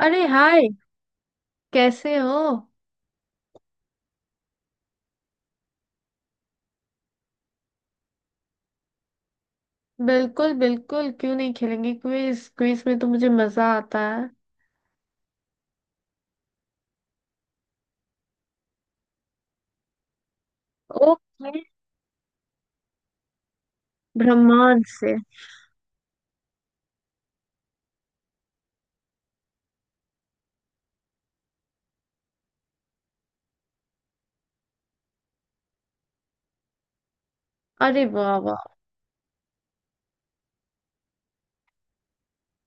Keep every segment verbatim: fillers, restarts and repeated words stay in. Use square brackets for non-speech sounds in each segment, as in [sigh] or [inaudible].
अरे हाय। कैसे हो। बिल्कुल बिल्कुल, क्यों नहीं खेलेंगे। क्विज क्विज में तो मुझे मजा आता है। ओके। ब्रह्मांड से। अरे वाह वाह।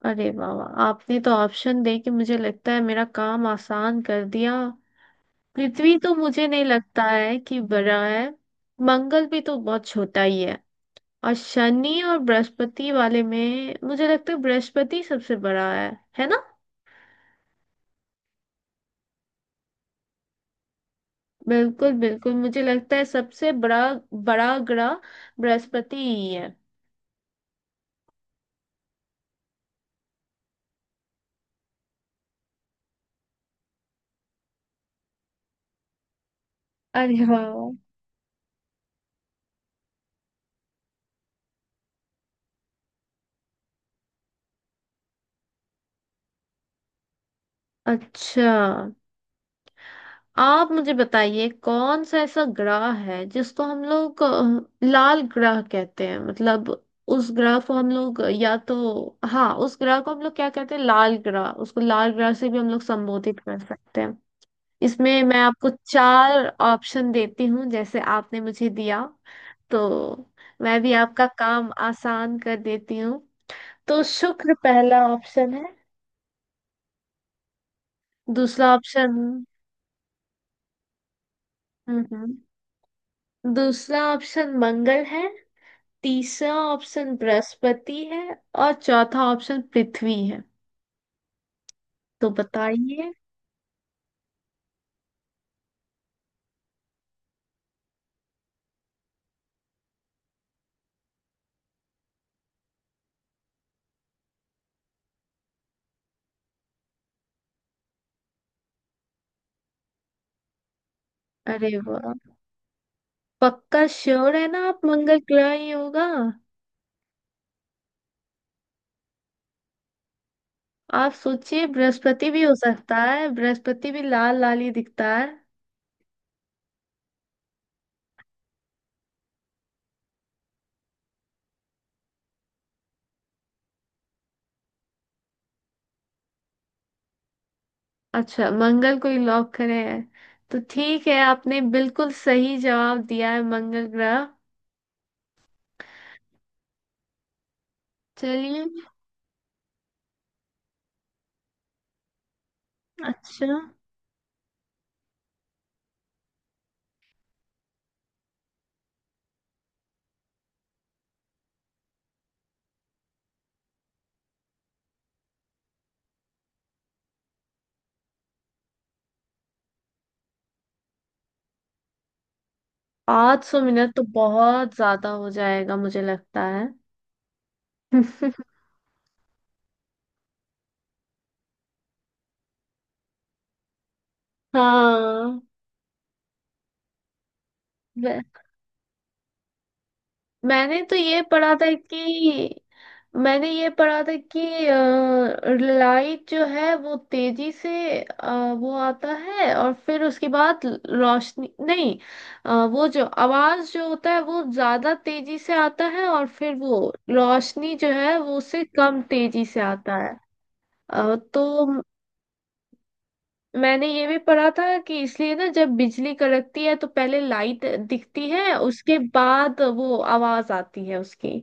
अरे वाह वाह, आपने तो ऑप्शन दे के मुझे लगता है मेरा काम आसान कर दिया। पृथ्वी तो मुझे नहीं लगता है कि बड़ा है। मंगल भी तो बहुत छोटा ही है। और शनि और बृहस्पति वाले में मुझे लगता है बृहस्पति सबसे बड़ा है है ना। बिल्कुल बिल्कुल, मुझे लगता है सबसे बड़ा बड़ा ग्रह बृहस्पति ही है। अरे वाह। अच्छा। आप मुझे बताइए कौन सा ऐसा ग्रह है जिसको हम लोग अ, लाल ग्रह कहते हैं मतलब उस ग्रह को हम लोग, या तो हाँ, उस ग्रह को हम लोग क्या कहते हैं लाल ग्रह, उसको लाल ग्रह से भी हम लोग संबोधित कर सकते हैं। इसमें मैं आपको चार ऑप्शन देती हूँ जैसे आपने मुझे दिया। तो मैं भी आपका काम आसान कर देती हूँ। तो शुक्र पहला ऑप्शन है। दूसरा ऑप्शन हम्म दूसरा ऑप्शन मंगल है। तीसरा ऑप्शन बृहस्पति है। और चौथा ऑप्शन पृथ्वी है। तो बताइए। अरे वाह। पक्का श्योर है ना, आप मंगल ग्रह ही होगा। आप सोचिए बृहस्पति भी हो सकता है, बृहस्पति भी लाल लाल ही दिखता है। अच्छा, मंगल को ही लॉक करे हैं। तो ठीक है, आपने बिल्कुल सही जवाब दिया है, मंगल ग्रह। चलिए। अच्छा। 500 मिनट तो बहुत ज्यादा हो जाएगा, मुझे लगता है। [laughs] हाँ। मैं- मैंने तो ये पढ़ा था कि मैंने ये पढ़ा था कि लाइट जो है वो तेजी से, अ, वो आता है और फिर उसके बाद रोशनी नहीं, अ, वो जो आवाज जो होता है वो ज्यादा तेजी से आता है और फिर वो रोशनी जो है वो उससे कम तेजी से आता है। अ, तो म- मैंने ये भी पढ़ा था कि इसलिए ना जब बिजली कड़कती है तो पहले लाइट दिखती है उसके बाद वो आवाज आती है उसकी।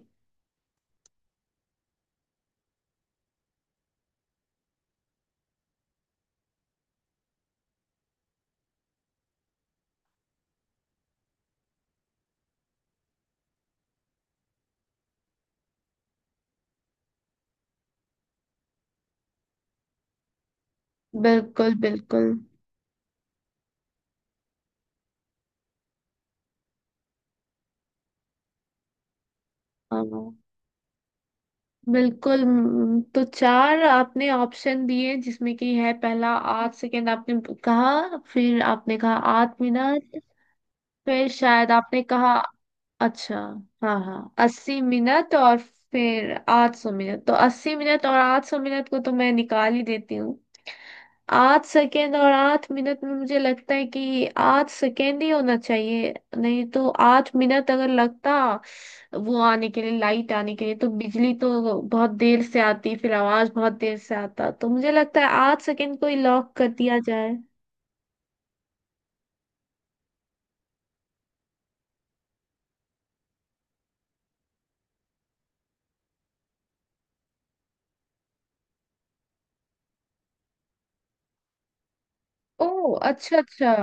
बिल्कुल बिल्कुल। हाँ बिल्कुल। हम्म, तो चार आपने ऑप्शन दिए जिसमें कि है पहला आर्ट सेकंड आपने कहा। फिर आपने कहा आत्मविनाश। फिर शायद आपने कहा। अच्छा। हाँ हाँ, अस्सी मिनट और। फिर आठ सौ मिनट, तो अस्सी मिनट और आठ सौ मिनट को तो मैं निकाल ही देती हूँ। आठ सेकेंड और आठ मिनट में मुझे लगता है कि आठ सेकेंड ही होना चाहिए, नहीं तो आठ मिनट अगर लगता वो आने के लिए, लाइट आने के लिए, तो बिजली तो बहुत देर से आती फिर आवाज बहुत देर से आता, तो मुझे लगता है आठ सेकेंड को ही लॉक कर दिया जाए। ओ अच्छा अच्छा।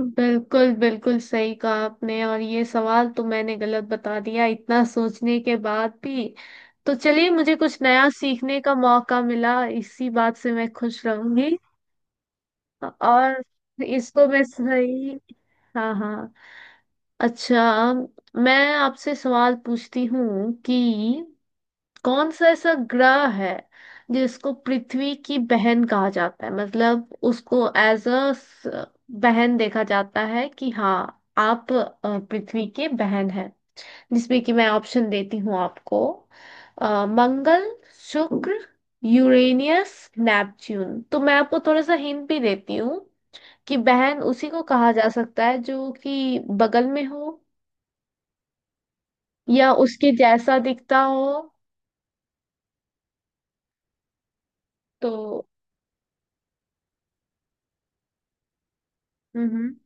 बिल्कुल बिल्कुल सही कहा आपने, और ये सवाल तो मैंने गलत बता दिया इतना सोचने के बाद भी। तो चलिए मुझे कुछ नया सीखने का मौका मिला, इसी बात से मैं खुश रहूंगी। और इसको मैं सही। हाँ हाँ। अच्छा। मैं आपसे सवाल पूछती हूँ कि कौन सा ऐसा ग्रह है जिसको पृथ्वी की बहन कहा जाता है, मतलब उसको एज अ बहन देखा जाता है कि हाँ, आप अ, पृथ्वी के बहन हैं। जिसमें कि मैं ऑप्शन देती हूँ आपको, अ, मंगल, शुक्र, यूरेनियस, नेपच्यून। तो मैं आपको थोड़ा सा हिंट भी देती हूँ कि बहन उसी को कहा जा सकता है जो कि बगल में हो या उसके जैसा दिखता हो। तो हम्म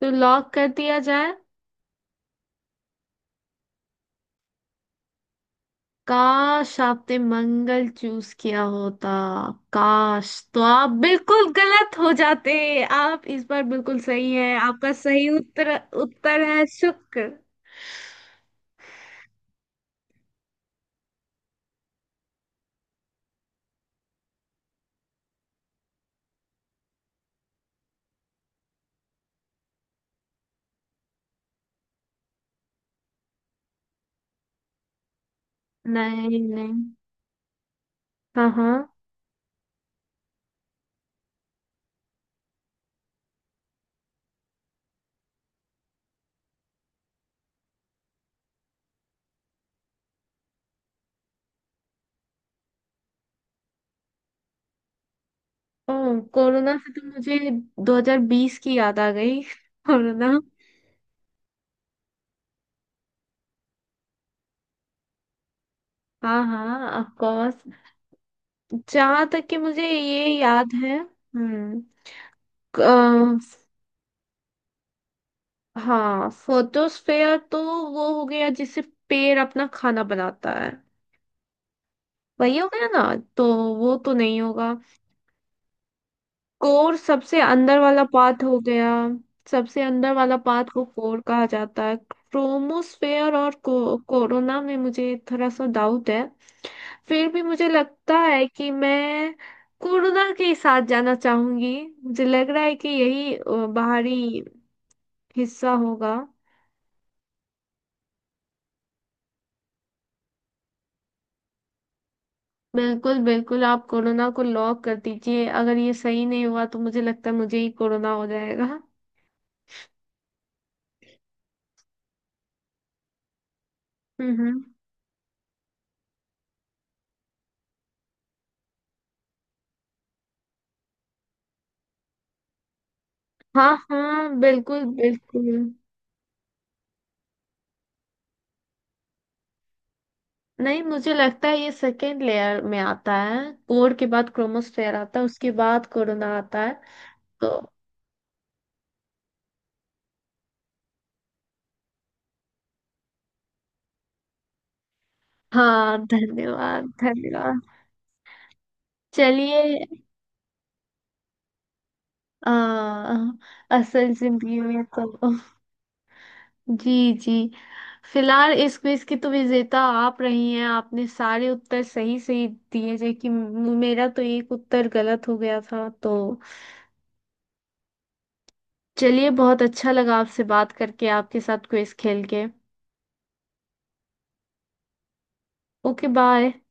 तो लॉक कर दिया जाए। काश आपने मंगल चूज किया होता, काश, तो आप बिल्कुल गलत हो जाते। आप इस बार बिल्कुल सही है, आपका सही उत्तर उत्तर है शुक्र। नहीं नहीं। हाँ हाँ। ओ। कोरोना से तो मुझे दो हज़ार बीस की याद आ गई, [laughs] कोरोना। हाँ हाँ, ऑफ कोर्स। जहां तक कि मुझे ये याद है। हम्म। क- अ, हाँ, फोटोस्फेयर तो वो हो गया जिससे पेड़ अपना खाना बनाता है। वही हो गया ना। तो वो तो नहीं होगा। कोर सबसे अंदर वाला पार्ट हो गया। सबसे अंदर वाला पार्ट को कोर कहा जाता है। क्रोमोस्फेयर और को, कोरोना में मुझे थोड़ा सा डाउट है। फिर भी मुझे लगता है कि मैं कोरोना के साथ जाना चाहूंगी। मुझे लग रहा है कि यही अ, बाहरी हिस्सा होगा। बिल्कुल बिल्कुल, आप कोरोना को लॉक कर दीजिए, अगर ये सही नहीं हुआ तो मुझे लगता है मुझे ही कोरोना हो जाएगा। हम्म हम्म। हाँ हाँ बिल्कुल बिल्कुल। नहीं, मुझे लगता है ये सेकेंड लेयर में आता है। कोर के बाद क्रोमोस्फेयर आता है, उसके बाद कोरोना आता है। तो। हाँ, धन्यवाद धन्यवाद। चलिए। आ, असल जिंदगी में तो। जी जी। फिलहाल इस क्विज की तो विजेता आप रही हैं, आपने सारे उत्तर सही सही दिए, जबकि म- मेरा तो एक उत्तर गलत हो गया था। तो चलिए, बहुत अच्छा लगा आपसे बात करके, आपके साथ क्विज खेल के। Okay bye.